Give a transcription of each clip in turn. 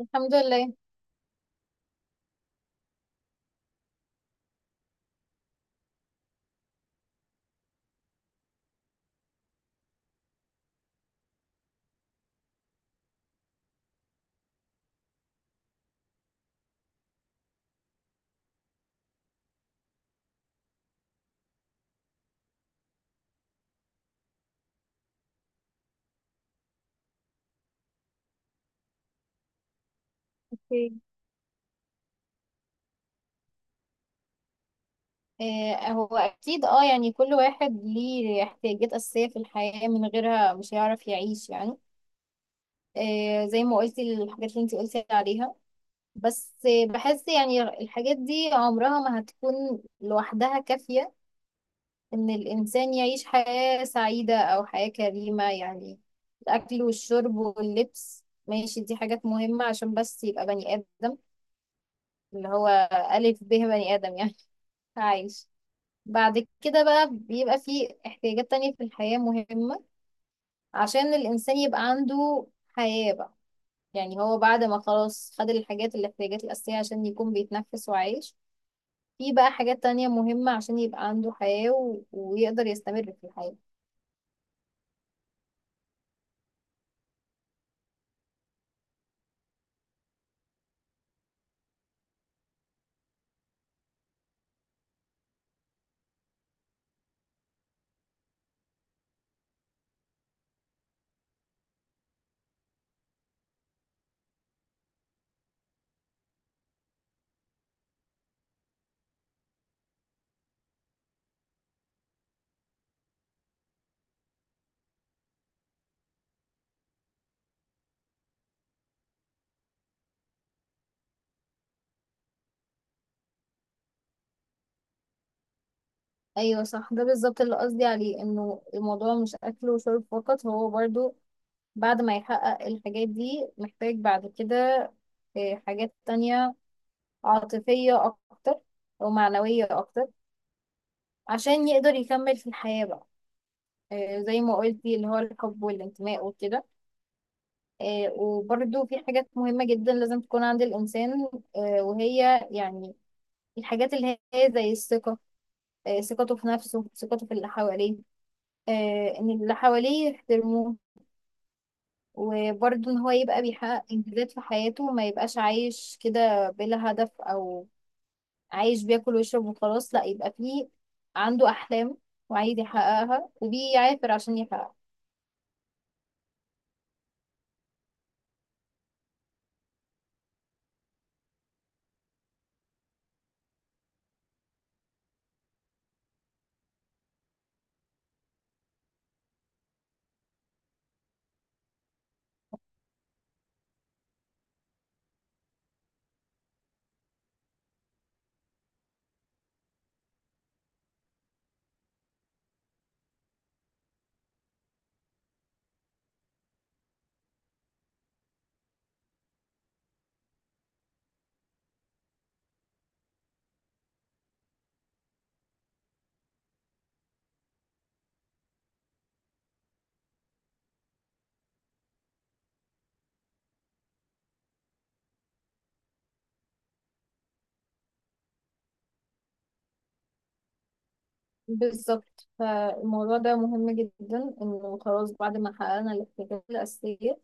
الحمد لله. اوكي. هو اكيد يعني كل واحد ليه احتياجات اساسيه في الحياه، من غيرها مش هيعرف يعيش يعني. زي ما قلتي الحاجات اللي انت قلتي عليها. بس بحس يعني الحاجات دي عمرها ما هتكون لوحدها كافيه ان الانسان يعيش حياه سعيده او حياه كريمه يعني. الاكل والشرب واللبس ماشي، دي حاجات مهمه عشان بس يبقى بني ادم، اللي هو الف ب بني ادم يعني. عايش. بعد كده بقى بيبقى فيه احتياجات تانية في الحياة مهمة عشان الإنسان يبقى عنده حياة بقى. يعني هو بعد ما خلاص خد الاحتياجات الأساسية عشان يكون بيتنفس وعايش، في بقى حاجات تانية مهمة عشان يبقى عنده حياة ويقدر يستمر في الحياة. أيوة صح، ده بالظبط اللي قصدي عليه، إنه الموضوع مش أكل وشرب فقط. هو برضو بعد ما يحقق الحاجات دي محتاج بعد كده حاجات تانية عاطفية أكتر أو معنوية أكتر عشان يقدر يكمل في الحياة بقى. زي ما قلتي اللي هو الحب والانتماء وكده. وبرده في حاجات مهمة جدا لازم تكون عند الإنسان، وهي يعني الحاجات اللي هي زي الثقة. ثقته في نفسه، ثقته في اللي حواليه، إن اللي حواليه يحترموه. وبرده إن هو يبقى بيحقق إنجازات في حياته، ما يبقاش عايش كده بلا هدف، أو عايش بياكل ويشرب وخلاص. لا، يبقى فيه عنده أحلام وعايز يحققها وبيعافر عشان يحققها. بالظبط، فالموضوع ده مهم جدا، انه خلاص بعد ما حققنا الاحتياجات الأساسية.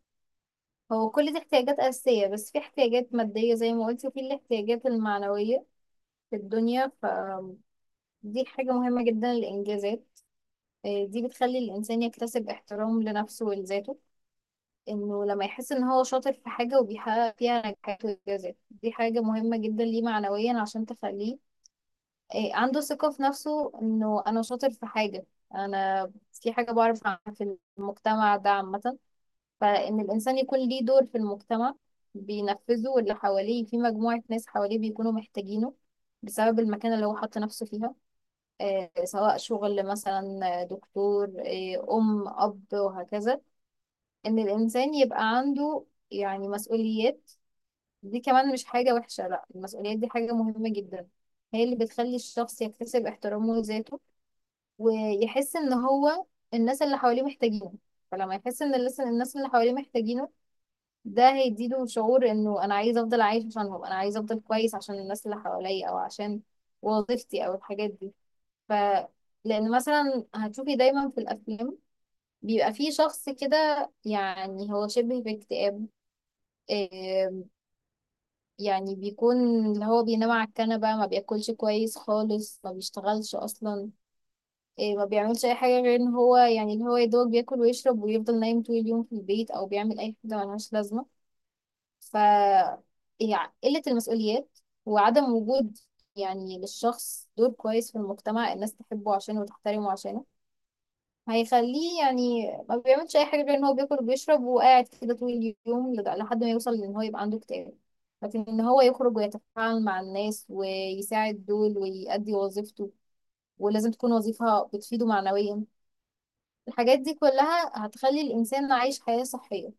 هو كل دي احتياجات أساسية، بس في احتياجات مادية زي ما قلت وفي الاحتياجات المعنوية في الدنيا. فدي حاجة مهمة جدا، الإنجازات. إيه، دي بتخلي الإنسان يكتسب احترام لنفسه ولذاته. إنه لما يحس إن هو شاطر في حاجة وبيحقق فيها نجاحات وإنجازات، دي حاجة مهمة جدا ليه معنويا عشان تخليه إيه، عنده ثقة في نفسه، انه انا شاطر في حاجة، انا في حاجة بعرف اعملها في المجتمع ده عامة. فان الانسان يكون ليه دور في المجتمع بينفذه، واللي حواليه في مجموعة ناس حواليه بيكونوا محتاجينه بسبب المكان اللي هو حط نفسه فيها. إيه، سواء شغل مثلا دكتور، إيه، ام، اب، وهكذا. ان الانسان يبقى عنده يعني مسؤوليات. دي كمان مش حاجة وحشة، لا، المسؤوليات دي حاجة مهمة جدا. هي اللي بتخلي الشخص يكتسب احترامه لذاته ويحس ان هو الناس اللي حواليه محتاجينه. فلما يحس ان الناس اللي حواليه محتاجينه، ده هيديله شعور انه انا عايز افضل عايش عشانهم، انا عايز افضل كويس عشان الناس اللي حواليا او عشان وظيفتي او الحاجات دي. ف لان مثلا هتشوفي دايما في الافلام بيبقى في شخص كده يعني هو شبه باكتئاب. آم، يعني بيكون اللي هو بينام على الكنبة، ما بياكلش كويس خالص، ما بيشتغلش اصلا، إيه، ما بيعملش اي حاجه غير ان هو يعني اللي هو يدوق، بياكل ويشرب ويفضل نايم طول اليوم في البيت، او بيعمل اي حاجه ملهاش لازمه. ف يعني قله المسؤوليات وعدم وجود يعني للشخص دور كويس في المجتمع الناس تحبه عشانه وتحترمه عشانه، هيخليه يعني ما بيعملش اي حاجه غير ان هو بياكل وبيشرب وقاعد كده طول اليوم لحد ما يوصل لان هو يبقى عنده اكتئاب. لكن ان هو يخرج ويتفاعل مع الناس ويساعد دول ويأدي وظيفته، ولازم تكون وظيفة بتفيده معنويا، الحاجات دي كلها هتخلي الإنسان عايش حياة صحية.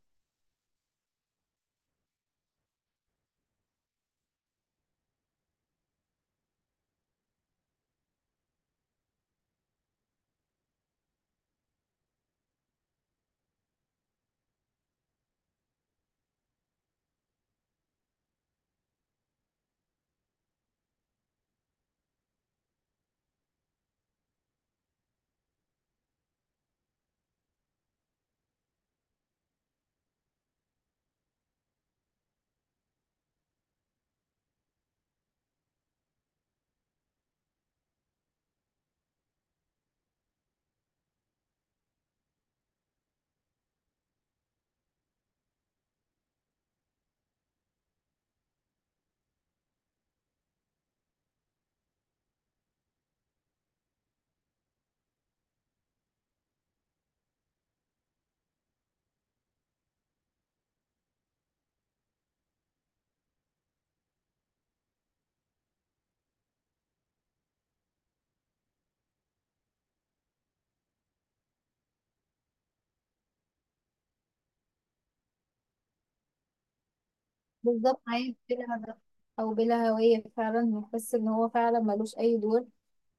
بالظبط، عايش بلا هدف أو بلا هوية فعلا، هيحس إن هو فعلا ملوش أي دور،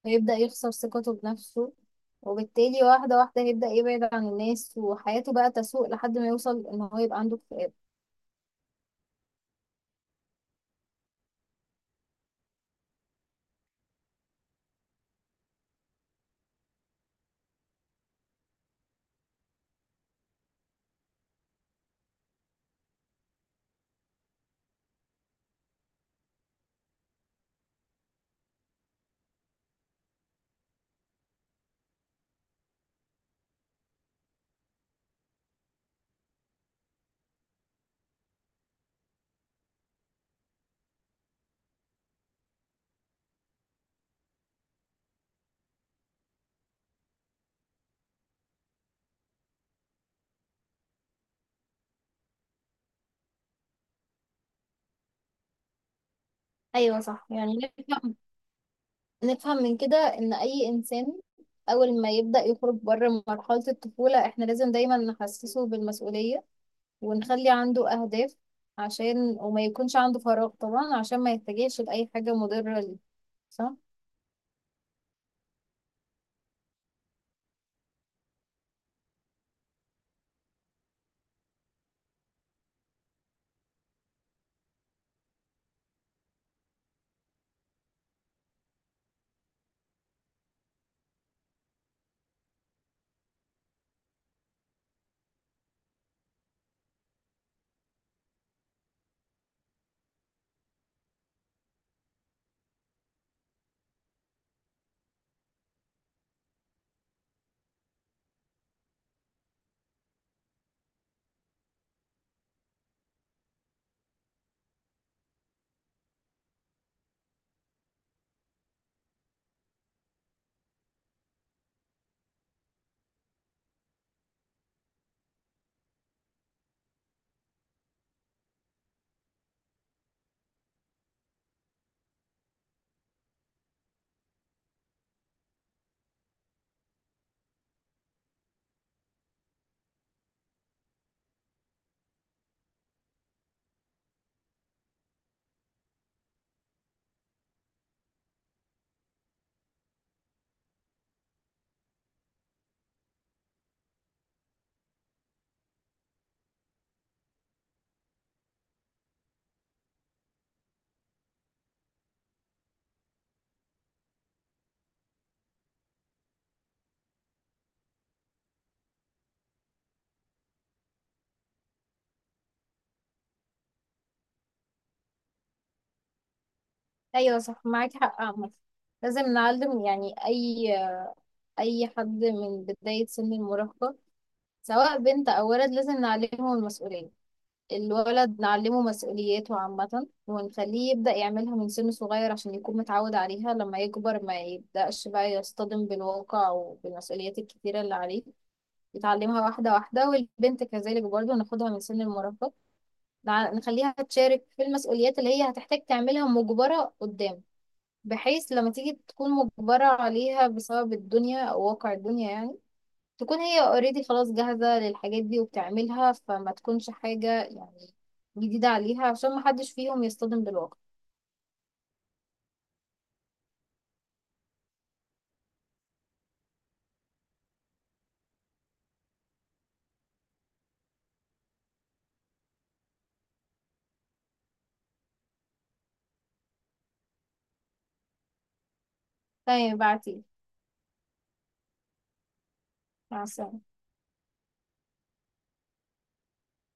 هيبدأ يخسر ثقته بنفسه، وبالتالي واحدة واحدة هيبدأ يبعد عن الناس وحياته بقى تسوء لحد ما يوصل إن هو يبقى عنده اكتئاب. أيوة صح. يعني نفهم من كده إن أي إنسان أول ما يبدأ يخرج بره مرحلة الطفولة إحنا لازم دايما نحسسه بالمسؤولية ونخلي عنده أهداف عشان وما يكونش عنده فراغ طبعا، عشان ما يتجهش لأي حاجة مضرة ليه. صح؟ أيوة صح، معاك حق عامة. لازم نعلم يعني أي حد من بداية سن المراهقة، سواء بنت أو ولد، لازم نعلمه المسؤولية. الولد نعلمه مسؤولياته عامة ونخليه يبدأ يعملها من سن صغير عشان يكون متعود عليها لما يكبر، ما يبدأش بقى يصطدم بالواقع وبالمسؤوليات الكتيرة اللي عليه، نتعلمها واحدة واحدة. والبنت كذلك برضو، ناخدها من سن المراهقة، نخليها تشارك في المسؤوليات اللي هي هتحتاج تعملها مجبرة قدام، بحيث لما تيجي تكون مجبرة عليها بسبب الدنيا أو واقع الدنيا يعني، تكون هي اوريدي خلاص جاهزة للحاجات دي وبتعملها، فما تكونش حاجة يعني جديدة عليها، عشان محدش فيهم يصطدم بالواقع. تمام، بعتيلي. مع السلامة.